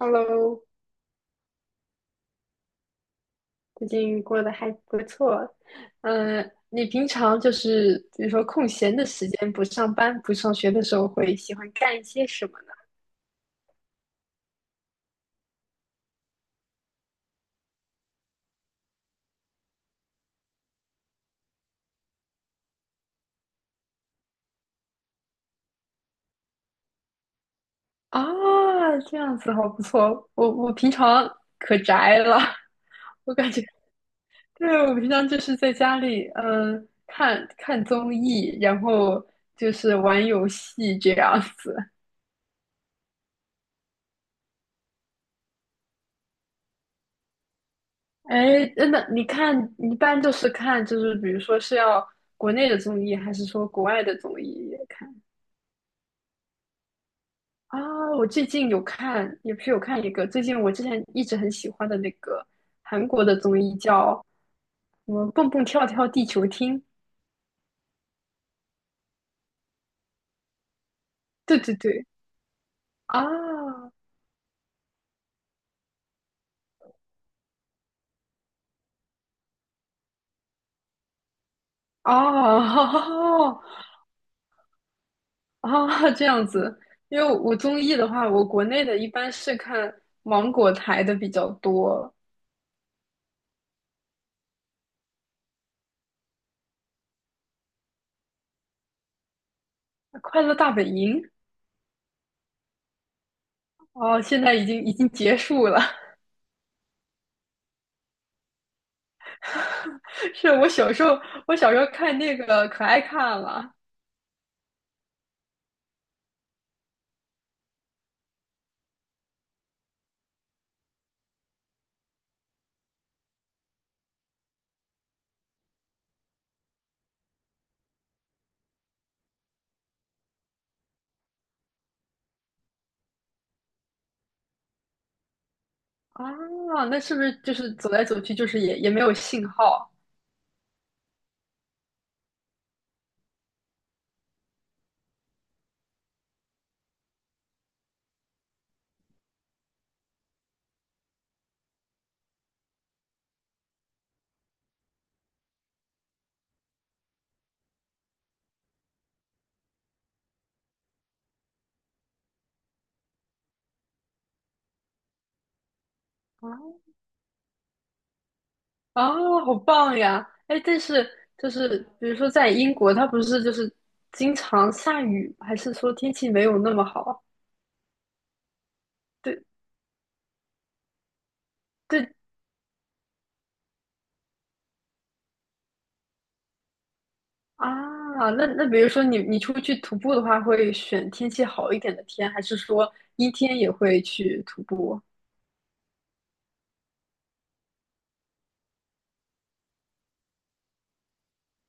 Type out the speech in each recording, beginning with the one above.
Hello，最近过得还不错。嗯，你平常就是比如说空闲的时间，不上班、不上学的时候，会喜欢干一些什么呢？啊，这样子好不错。我平常可宅了，我感觉 对，我平常就是在家里，嗯，看看综艺，然后就是玩游戏这样子。哎，真的，你看，你一般就是看，就是比如说是要国内的综艺，还是说国外的综艺也看？啊，我最近有看，也不是有看一个，最近我之前一直很喜欢的那个韩国的综艺叫什么“蹦蹦跳跳地球厅”，对对对，啊啊这样子。因为我综艺的话，我国内的一般是看芒果台的比较多，《快乐大本营》哦，现在已经结束了。是我小时候，我小时候看那个可爱看了，啊，那是不是就是走来走去，就是也没有信号？啊啊，好棒呀！哎，但是就是比如说在英国，它不是就是经常下雨，还是说天气没有那么好？对对啊，那那比如说你你出去徒步的话，会选天气好一点的天，还是说阴天也会去徒步？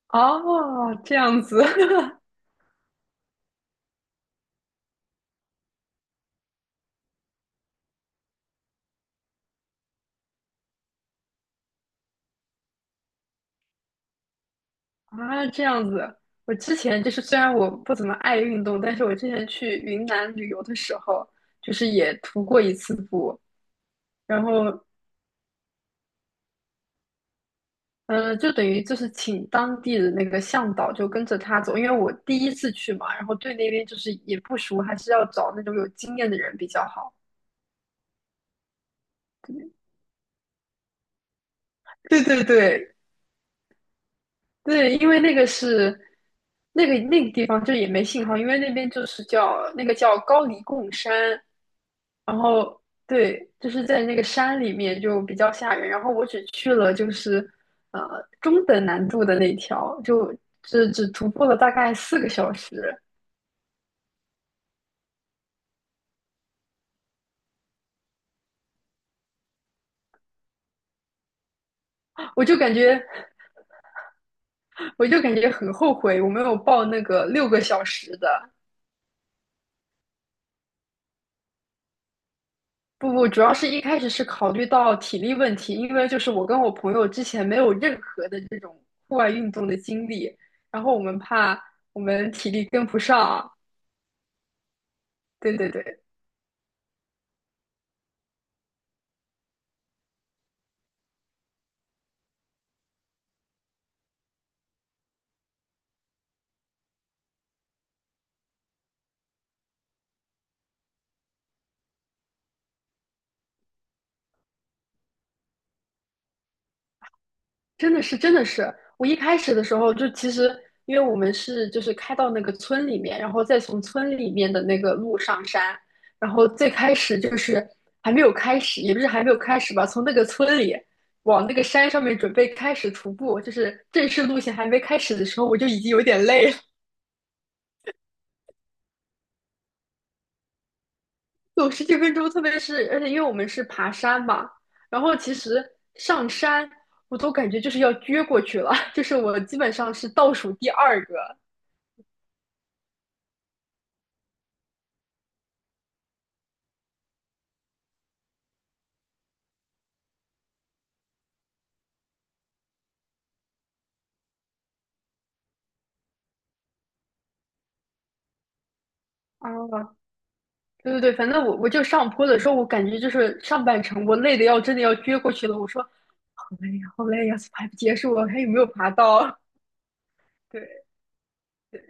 哦，这样子，啊，这样子。我之前就是虽然我不怎么爱运动，但是我之前去云南旅游的时候，就是也徒过一次步，然后就等于就是请当地的那个向导就跟着他走，因为我第一次去嘛，然后对那边就是也不熟，还是要找那种有经验的人比较好。对对对，对，因为那个是那个地方就也没信号，因为那边就是叫那个叫高黎贡山，然后对，就是在那个山里面就比较吓人。然后我只去了就是呃中等难度的那条，就只徒步了大概四个小时，我就感觉我就感觉很后悔，我没有报那个六个小时的。不不，主要是一开始是考虑到体力问题，因为就是我跟我朋友之前没有任何的这种户外运动的经历，然后我们怕我们体力跟不上。对对对，真的是，真的是，我一开始的时候就其实，因为我们是就是开到那个村里面，然后再从村里面的那个路上山，然后最开始就是还没有开始，也不是还没有开始吧，从那个村里往那个山上面准备开始徒步，就是正式路线还没开始的时候，我就已经有点累了，走十几分钟，特别是而且因为我们是爬山嘛，然后其实上山我都感觉就是要撅过去了，就是我基本上是倒数第二个。啊。对对对，反正我就上坡的时候，我感觉就是上半程我累的要真的要撅过去了。我说好累呀，好累呀，怎么还不结束？啊？还有没有爬到啊？对对，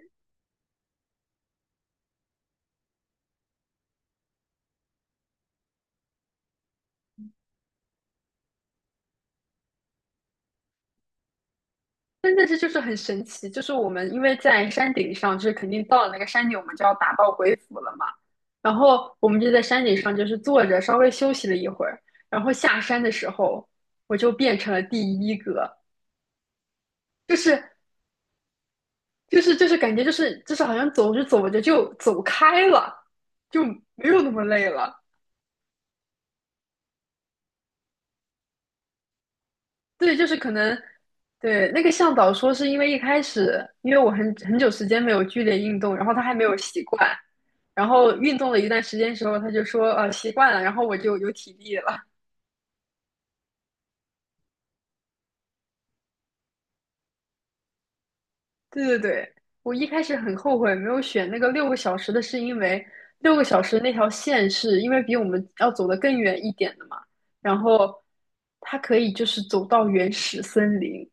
真的是就是很神奇，就是我们因为在山顶上，就是肯定到了那个山顶，我们就要打道回府了嘛。然后我们就在山顶上就是坐着稍微休息了一会儿，然后下山的时候，我就变成了第一个，就是就是感觉就是好像走着走着就走开了，就没有那么累了。对，就是可能，对，那个向导说是因为一开始，因为我很很久时间没有剧烈运动，然后他还没有习惯，然后运动了一段时间之后，他就说习惯了，然后我就有体力了。对对对，我一开始很后悔没有选那个六个小时的，是因为六个小时那条线是因为比我们要走得更远一点的嘛，然后它可以就是走到原始森林，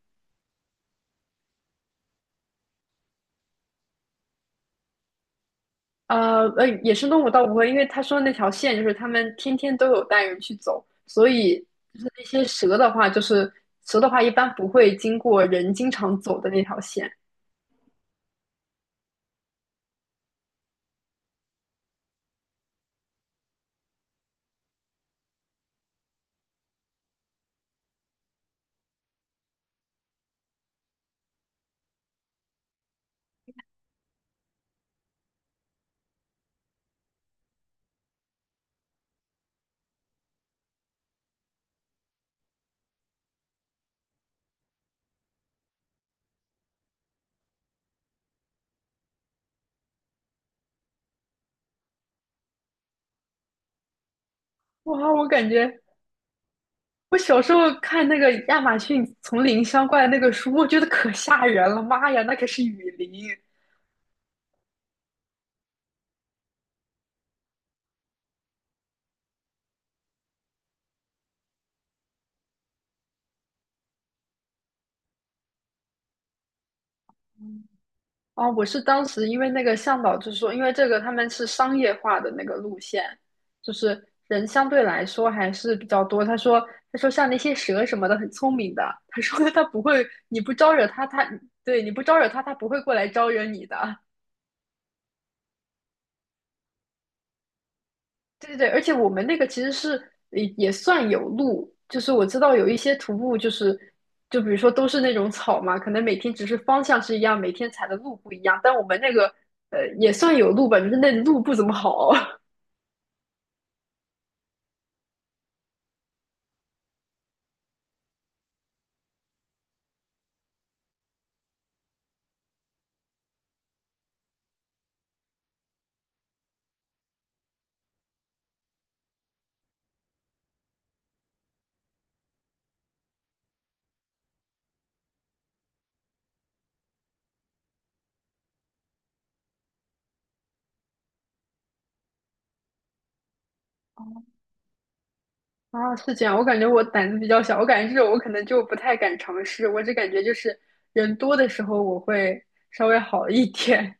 野生动物倒不会，因为他说那条线就是他们天天都有带人去走，所以就是那些蛇的话，就是蛇的话一般不会经过人经常走的那条线。哇，我感觉我小时候看那个亚马逊丛林相关的那个书，我觉得可吓人了，妈呀，那可是雨林。哦，我是当时因为那个向导就说，因为这个他们是商业化的那个路线，就是人相对来说还是比较多。他说，他说像那些蛇什么的很聪明的，他说他不会，你不招惹他，他对你不招惹他，他不会过来招惹你的。对对对，而且我们那个其实是也算有路，就是我知道有一些徒步就是，就比如说都是那种草嘛，可能每天只是方向是一样，每天踩的路不一样，但我们那个也算有路吧，就是那路不怎么好。啊，是这样，我感觉我胆子比较小，我感觉这种我可能就不太敢尝试。我只感觉就是人多的时候我会稍微好一点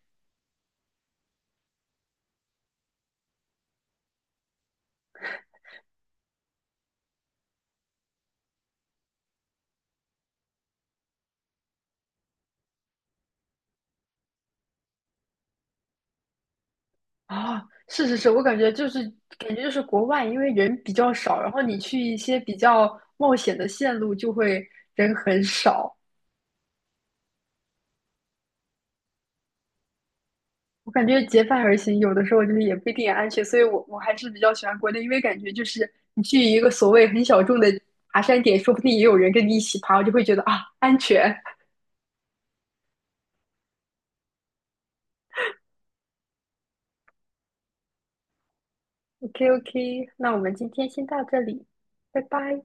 啊。是是是，我感觉就是国外，因为人比较少，然后你去一些比较冒险的线路就会人很少。我感觉结伴而行，有的时候就是也不一定安全，所以我还是比较喜欢国内，因为感觉就是你去一个所谓很小众的爬山点，说不定也有人跟你一起爬，我就会觉得啊安全。OK OK，那我们今天先到这里，拜拜。